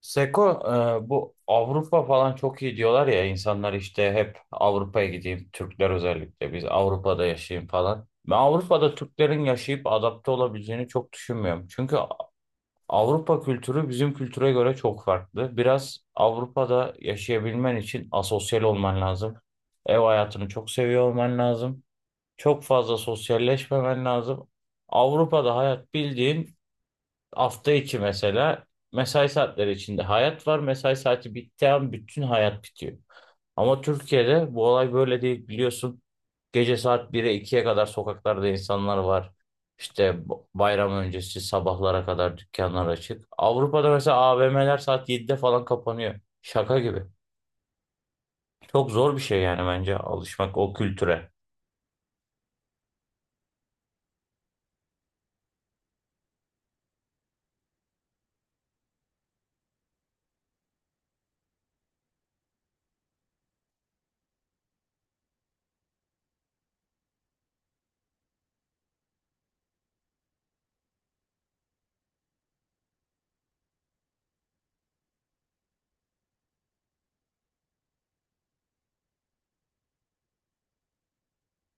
Seko, bu Avrupa falan çok iyi diyorlar ya, insanlar işte hep Avrupa'ya gideyim, Türkler özellikle biz Avrupa'da yaşayayım falan. Ben Avrupa'da Türklerin yaşayıp adapte olabileceğini çok düşünmüyorum. Çünkü Avrupa kültürü bizim kültüre göre çok farklı. Biraz Avrupa'da yaşayabilmen için asosyal olman lazım. Ev hayatını çok seviyor olman lazım. Çok fazla sosyalleşmemen lazım. Avrupa'da hayat bildiğin, hafta içi mesela mesai saatleri içinde hayat var. Mesai saati bittiği an bütün hayat bitiyor. Ama Türkiye'de bu olay böyle değil, biliyorsun. Gece saat 1'e ikiye kadar sokaklarda insanlar var. İşte bayram öncesi sabahlara kadar dükkanlar açık. Avrupa'da mesela AVM'ler saat 7'de falan kapanıyor. Şaka gibi. Çok zor bir şey yani, bence alışmak o kültüre.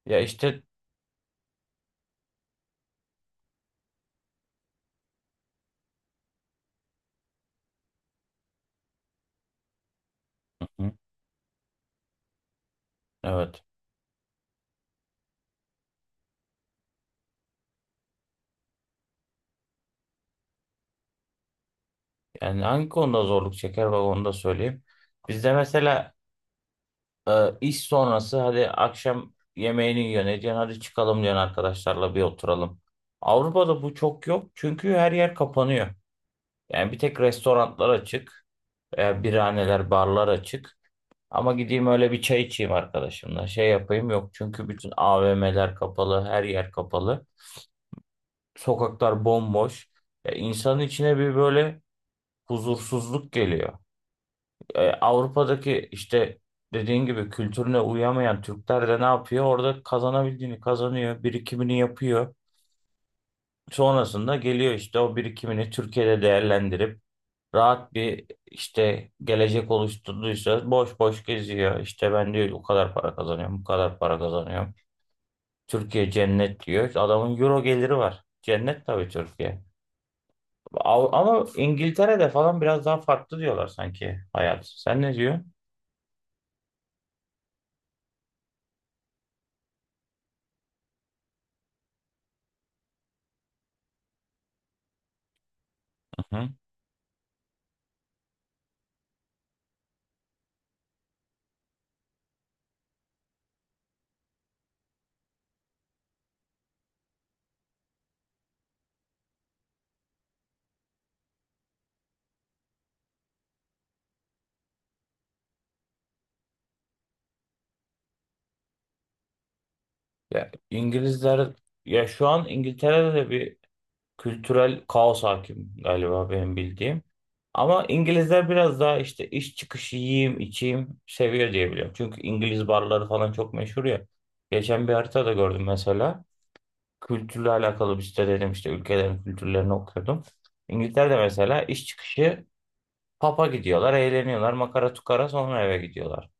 Ya işte. Hı. Evet. Yani hangi konuda zorluk çeker, bak onu da söyleyeyim. Bizde mesela iş sonrası hadi akşam yemeğini yiyorsun ediyorsun, hadi çıkalım diyorsun arkadaşlarla bir oturalım. Avrupa'da bu çok yok çünkü her yer kapanıyor. Yani bir tek restoranlar açık, birahaneler, barlar açık. Ama gideyim öyle bir çay içeyim arkadaşımla, şey yapayım, yok, çünkü bütün AVM'ler kapalı, her yer kapalı. Sokaklar bomboş. Ya insanın içine bir böyle huzursuzluk geliyor. Avrupa'daki işte dediğin gibi kültürüne uyamayan Türkler de ne yapıyor? Orada kazanabildiğini kazanıyor, birikimini yapıyor. Sonrasında geliyor, işte o birikimini Türkiye'de değerlendirip rahat bir işte gelecek oluşturduysa boş boş geziyor. İşte ben diyor o kadar para kazanıyorum, bu kadar para kazanıyorum. Türkiye cennet diyor. Adamın euro geliri var. Cennet tabii Türkiye. Ama İngiltere'de falan biraz daha farklı diyorlar sanki hayat. Sen ne diyorsun? Ya İngilizler, ya şu an İngiltere'de de bir kültürel kaos hakim galiba benim bildiğim. Ama İngilizler biraz daha işte iş çıkışı yiyeyim içeyim seviyor diye biliyorum. Çünkü İngiliz barları falan çok meşhur ya. Geçen bir haritada gördüm mesela. Kültürle alakalı bir site, dedim işte ülkelerin kültürlerini okuyordum. İngiltere'de mesela iş çıkışı pub'a gidiyorlar, eğleniyorlar, makara tukara sonra eve gidiyorlar.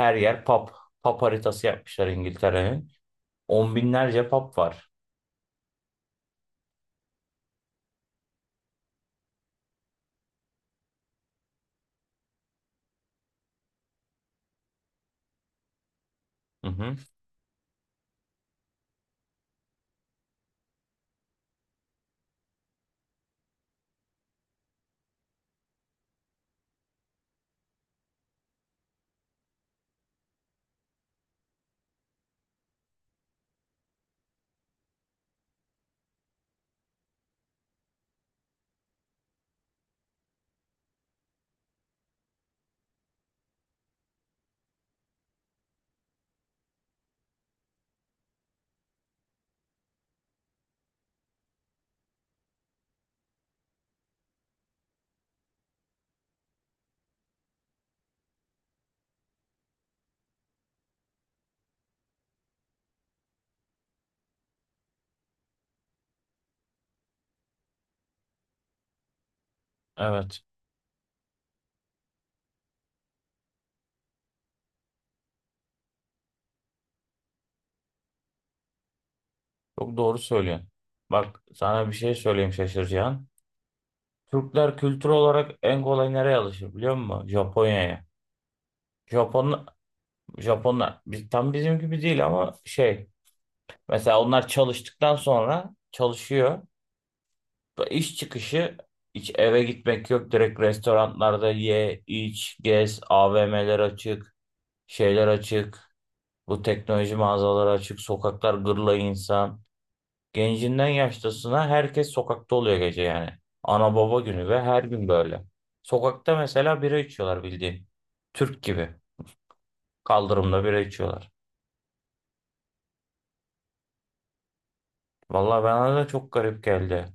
Her yer pub. Pub haritası yapmışlar İngiltere'nin. On binlerce pub var. Hı hı. Evet. Çok doğru söylüyorsun. Bak sana bir şey söyleyeyim şaşıracağın. Türkler kültür olarak en kolay nereye alışır biliyor musun? Japonya'ya. Japon, Japonlar tam bizim gibi değil ama şey, mesela onlar çalıştıktan sonra çalışıyor. İş çıkışı hiç eve gitmek yok. Direkt restoranlarda ye, iç, gez, AVM'ler açık, şeyler açık. Bu teknoloji mağazaları açık, sokaklar gırla insan. Gencinden yaşlısına herkes sokakta oluyor gece yani. Ana baba günü ve her gün böyle. Sokakta mesela bira içiyorlar bildiğin. Türk gibi. Kaldırımda bira içiyorlar. Vallahi bana da çok garip geldi.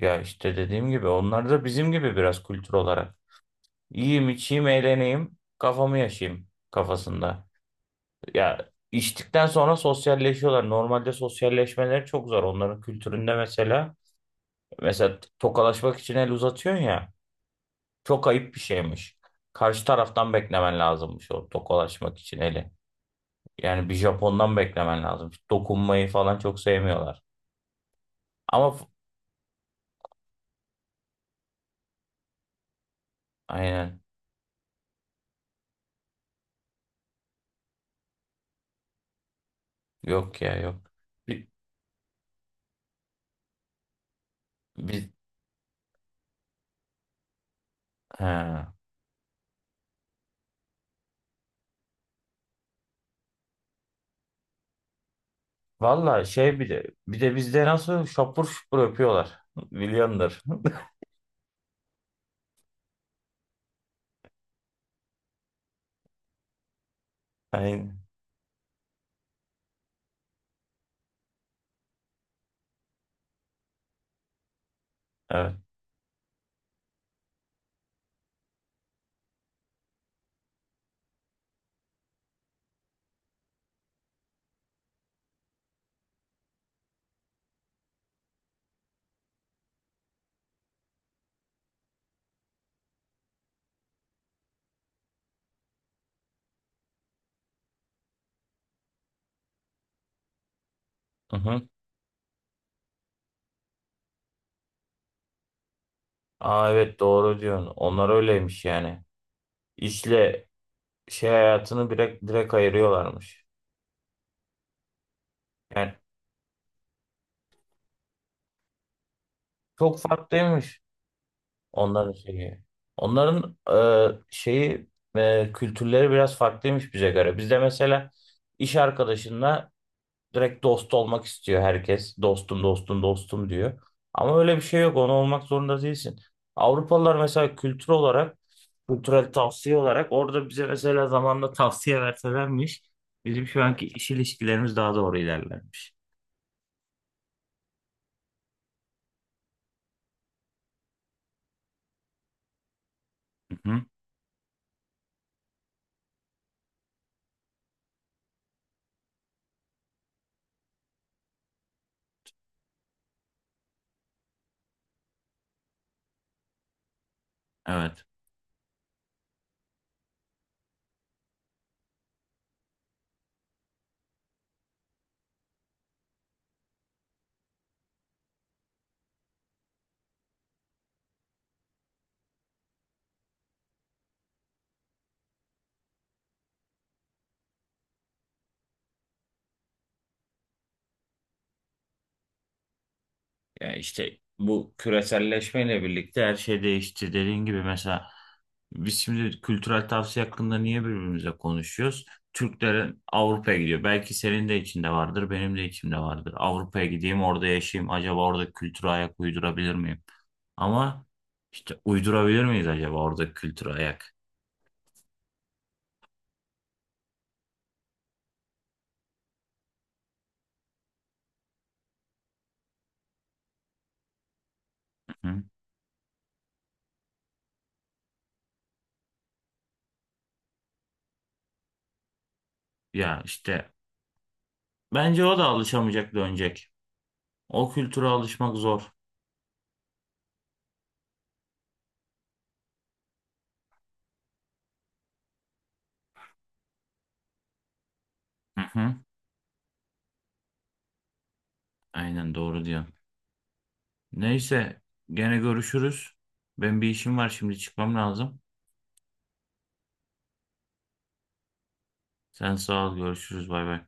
Ya işte dediğim gibi onlar da bizim gibi biraz kültür olarak. Yiyeyim, içeyim, eğleneyim, kafamı yaşayayım kafasında. Ya içtikten sonra sosyalleşiyorlar. Normalde sosyalleşmeleri çok zor onların kültüründe mesela. Mesela tokalaşmak için el uzatıyorsun ya. Çok ayıp bir şeymiş. Karşı taraftan beklemen lazımmış o tokalaşmak için eli. Yani bir Japon'dan beklemen lazım. Dokunmayı falan çok sevmiyorlar. Ama f- aynen. Yok ya, yok. Bi- Biz, he. Valla şey, bir de bizde nasıl şapur şupur öpüyorlar. Milyondur. Aynen. Evet. Hı hı. Aa, evet, doğru diyorsun. Onlar öyleymiş yani. İşle şey hayatını direkt ayırıyorlarmış. Yani çok farklıymış. Onların şeyi. Onların şeyi, kültürleri biraz farklıymış bize göre. Bizde mesela iş arkadaşınla direkt dost olmak istiyor herkes. Dostum, dostum, dostum diyor. Ama öyle bir şey yok. Onu olmak zorunda değilsin. Avrupalılar mesela kültür olarak, kültürel tavsiye olarak orada bize mesela zamanla tavsiye verselermiş, bizim şu anki iş ilişkilerimiz daha doğru ilerlermiş. Hı hı. Evet. Yani işte bu küreselleşmeyle birlikte her şey değişti. Dediğin gibi mesela biz şimdi kültürel tavsiye hakkında niye birbirimize konuşuyoruz? Türklerin Avrupa'ya gidiyor. Belki senin de içinde vardır, benim de içimde vardır. Avrupa'ya gideyim, orada yaşayayım. Acaba orada kültüre ayak uydurabilir miyim? Ama işte uydurabilir miyiz acaba orada kültüre ayak? Hı? Ya işte bence o da alışamayacak, dönecek. O kültüre alışmak zor. Hı hı. Aynen, doğru diyorsun. Neyse, gene görüşürüz. Ben bir işim var, şimdi çıkmam lazım. Sen sağ ol, görüşürüz, bay bay.